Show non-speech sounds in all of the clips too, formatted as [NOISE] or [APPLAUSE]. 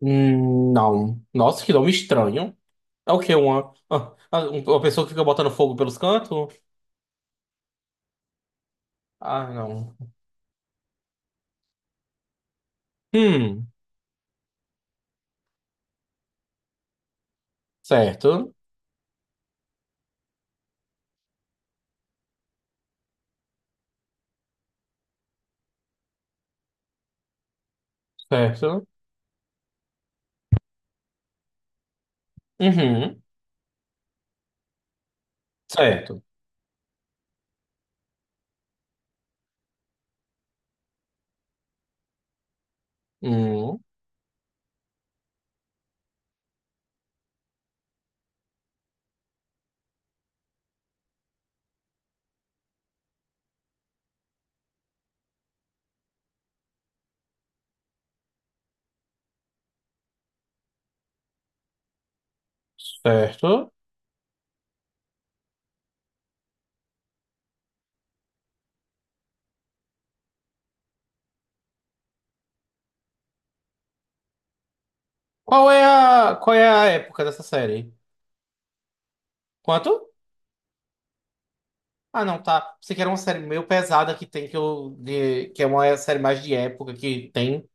Não. Nossa, que nome estranho. É o quê? Uma, uma pessoa que fica botando fogo pelos cantos? Ah, não. Hum, certo. Certo. Uhum, certo. Hum, certo. Qual é qual é a época dessa série? Quanto? Ah, não, tá. Você quer uma série meio pesada que tem que eu. Que é uma série mais de época que tem.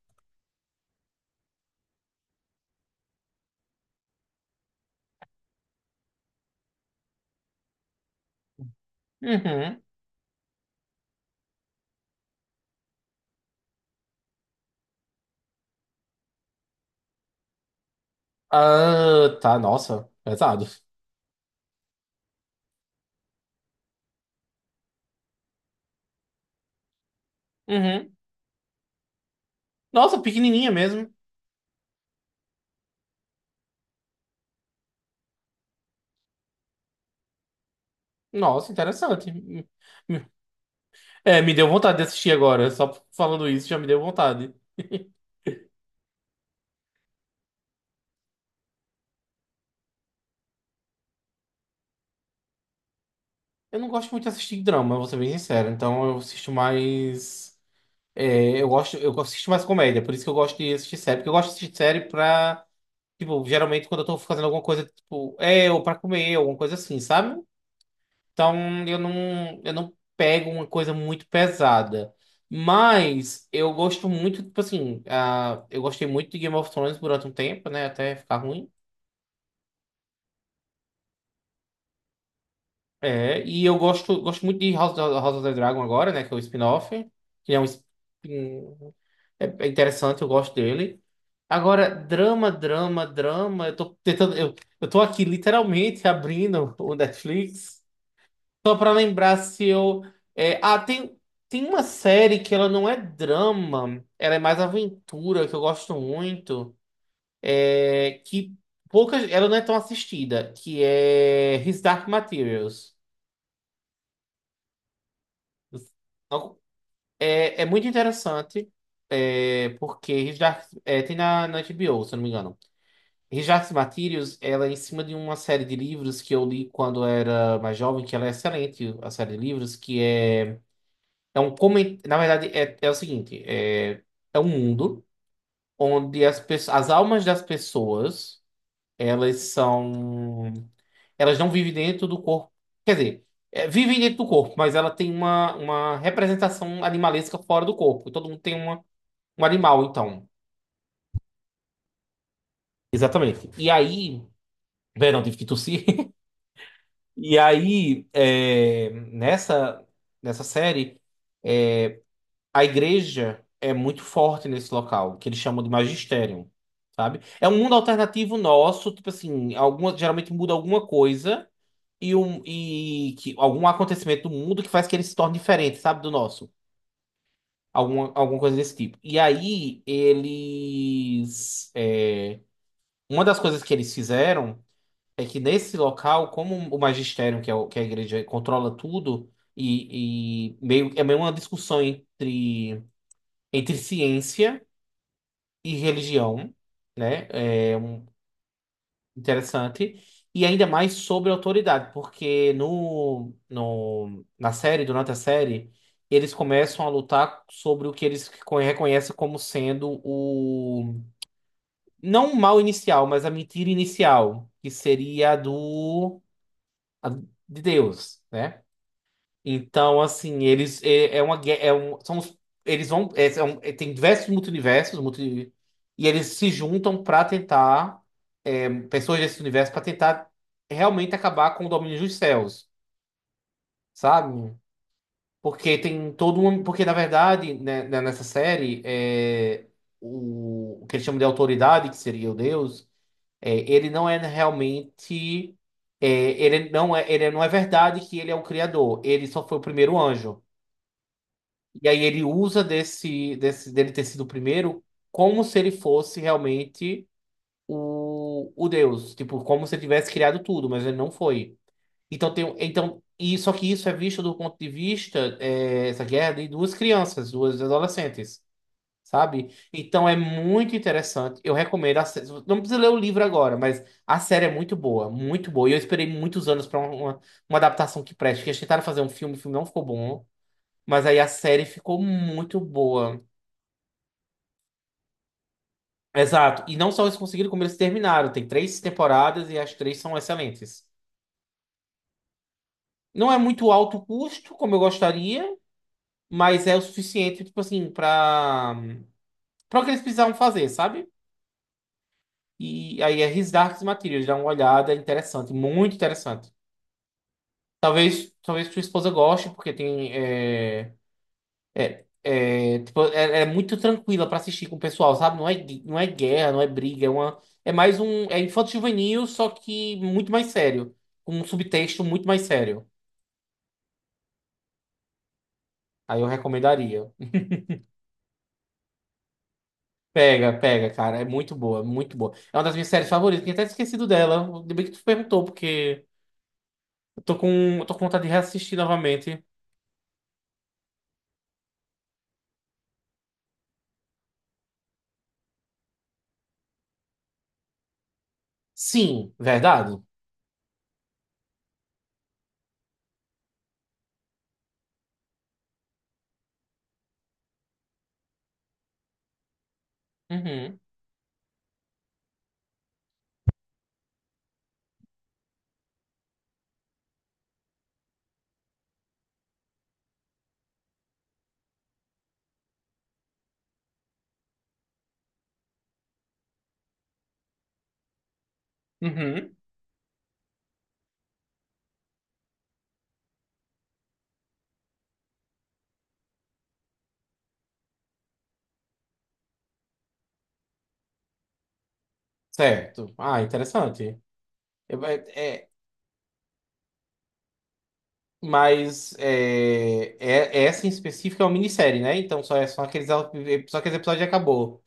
Uhum. Ah, tá. Nossa, pesado. Uhum. Nossa, pequenininha mesmo. Nossa, interessante. É, me deu vontade de assistir agora. Só falando isso já me deu vontade. Eu não gosto muito de assistir drama, vou ser bem sincero. Então eu assisto mais. Eu gosto, eu assisto mais comédia, por isso que eu gosto de assistir série. Porque eu gosto de assistir série pra. Tipo, geralmente quando eu tô fazendo alguma coisa, tipo, é, ou pra comer, alguma coisa assim, sabe? Então eu não pego uma coisa muito pesada. Mas eu gosto muito, tipo assim, ah, eu gostei muito de Game of Thrones durante um tempo, né? Até ficar ruim. É, e eu gosto, gosto muito de House, House of the Dragon agora, né? Que é o spin-off. Que é um. É, é interessante, eu gosto dele. Agora, drama, drama, drama. Eu tô tentando. Eu tô aqui literalmente abrindo o Netflix. Só pra lembrar se eu. é, ah, tem, tem uma série que ela não é drama, ela é mais aventura, que eu gosto muito. É, que poucas. Ela não é tão assistida, que é His Dark Materials. Não. É, é muito interessante, porque His Dark, é, tem na HBO, se eu não me engano. His Dark Materials, ela é em cima de uma série de livros que eu li quando era mais jovem, que ela é excelente, a série de livros, que é, na verdade, é o seguinte, é um mundo onde as almas das pessoas, elas são, elas não vivem dentro do corpo, quer dizer, vivem dentro do corpo, mas ela tem uma representação animalesca fora do corpo. Todo mundo tem uma um animal, então. Exatamente. E aí. Bem, não tive que tossir. [LAUGHS] E aí, nessa série, a igreja é muito forte nesse local, que eles chamam de magistério, sabe? É um mundo alternativo nosso, tipo assim, alguma, geralmente muda alguma coisa e, um, e que, algum acontecimento do mundo que faz que ele se torne diferente, sabe, do nosso. Alguma, alguma coisa desse tipo. E aí, eles. Uma das coisas que eles fizeram. É que nesse local, como o magistério, que é, que é a igreja controla tudo, e meio, é meio uma discussão entre, entre ciência e religião, né? É interessante. E ainda mais sobre autoridade, porque no, no, na série, durante a série, eles começam a lutar sobre o que eles reconhecem como sendo o. Não o mal inicial, mas a mentira inicial, que seria a do. A de Deus, né? Então, assim, eles é, é um, eles vão é, é, tem diversos multiversos, multi, e eles se juntam para tentar pessoas desse universo para tentar realmente acabar com o domínio dos céus, sabe? Porque tem todo um, porque na verdade, né, nessa série é o que eles chamam de autoridade, que seria o Deus, ele não é realmente é, ele não é verdade que ele é o criador, ele só foi o primeiro anjo. E aí ele usa desse dele ter sido o primeiro como se ele fosse realmente o Deus. Tipo, como se ele tivesse criado tudo, mas ele não foi. Então tem. Então, e, só que isso é visto do ponto de vista, é, essa guerra de duas crianças, duas adolescentes. Sabe? Então é muito interessante. Eu recomendo. A, não precisa ler o livro agora, mas a série é muito boa, muito boa. E eu esperei muitos anos para uma adaptação que preste. Porque eles tentaram fazer um filme, o filme não ficou bom. Mas aí a série ficou muito boa. Exato. E não só eles conseguiram, como eles terminaram. Tem três temporadas e as três são excelentes. Não é muito alto custo, como eu gostaria, mas é o suficiente, tipo assim, pra, pra o que eles precisavam fazer, sabe? E aí é His Dark Materials, dá uma olhada é interessante, muito interessante. Talvez, talvez sua esposa goste, porque tem, é, É, é, tipo, é, é muito tranquila pra assistir com o pessoal, sabe? Não é, não é guerra, não é briga, é uma, é mais um, é infanto-juvenil, só que muito mais sério, com um subtexto muito mais sério. Aí eu recomendaria. Pega, pega, cara, é muito boa, muito boa. É uma das minhas séries favoritas, tinha até esquecido dela. Ainda bem que tu perguntou, porque eu tô com, eu tô com vontade de reassistir novamente. Sim, verdade? Uhum, uhum, certo. Ah, interessante. Eu- é. Mas é, essa em específico é uma minissérie, né? Então só aqueles episódios e acabou.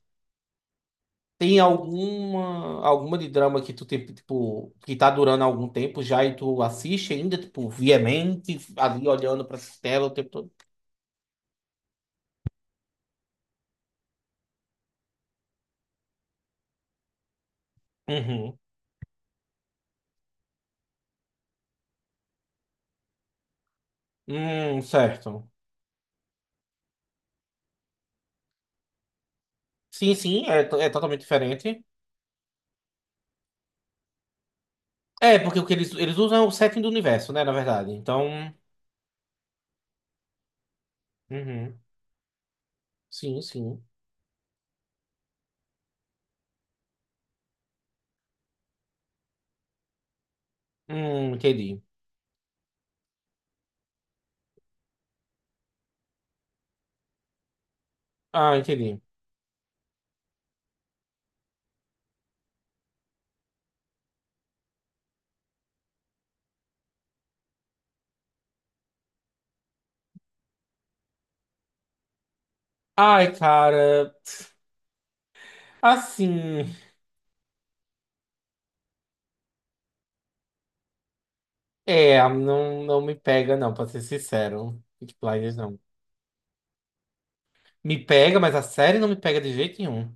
Tem alguma alguma de drama que tu tem, tipo, que tá durando há algum tempo já e tu assiste ainda, tipo, viamente, ali olhando pra tela o tempo todo? Uhum. Certo. É totalmente diferente. É, porque o que eles usam é o setting do universo, né, na verdade. Então, uhum. Sim, sim. Entendi. Ah, entendi. Ai, cara. Assim. É, não me pega, não, pra ser sincero. Peaky Blinders, não. Me pega, mas a série não me pega de jeito nenhum.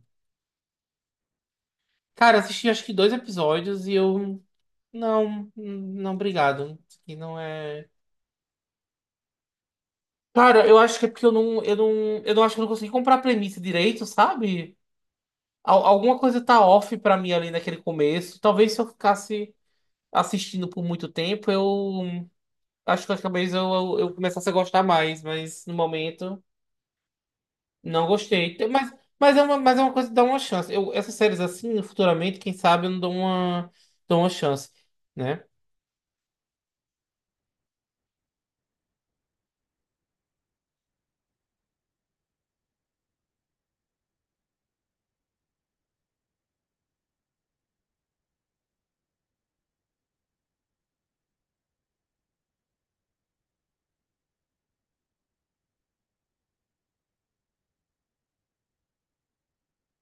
Cara, eu assisti acho que dois episódios e eu. Não, não, obrigado. Isso aqui não é. Cara, eu acho que é porque eu não acho que eu não consegui comprar a premissa direito, sabe? Alguma coisa tá off pra mim ali naquele começo. Talvez se eu ficasse assistindo por muito tempo, eu acho que talvez eu começasse a gostar mais, mas no momento. Não gostei. Tem- mas é uma coisa que dá uma chance. Eu, essas séries assim, futuramente, quem sabe eu não dou uma, dou uma chance, né?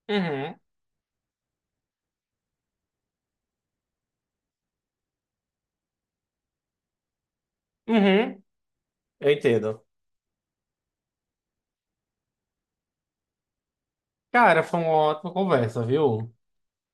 Uhum. Uhum. Eu entendo. Cara, foi uma ótima conversa, viu?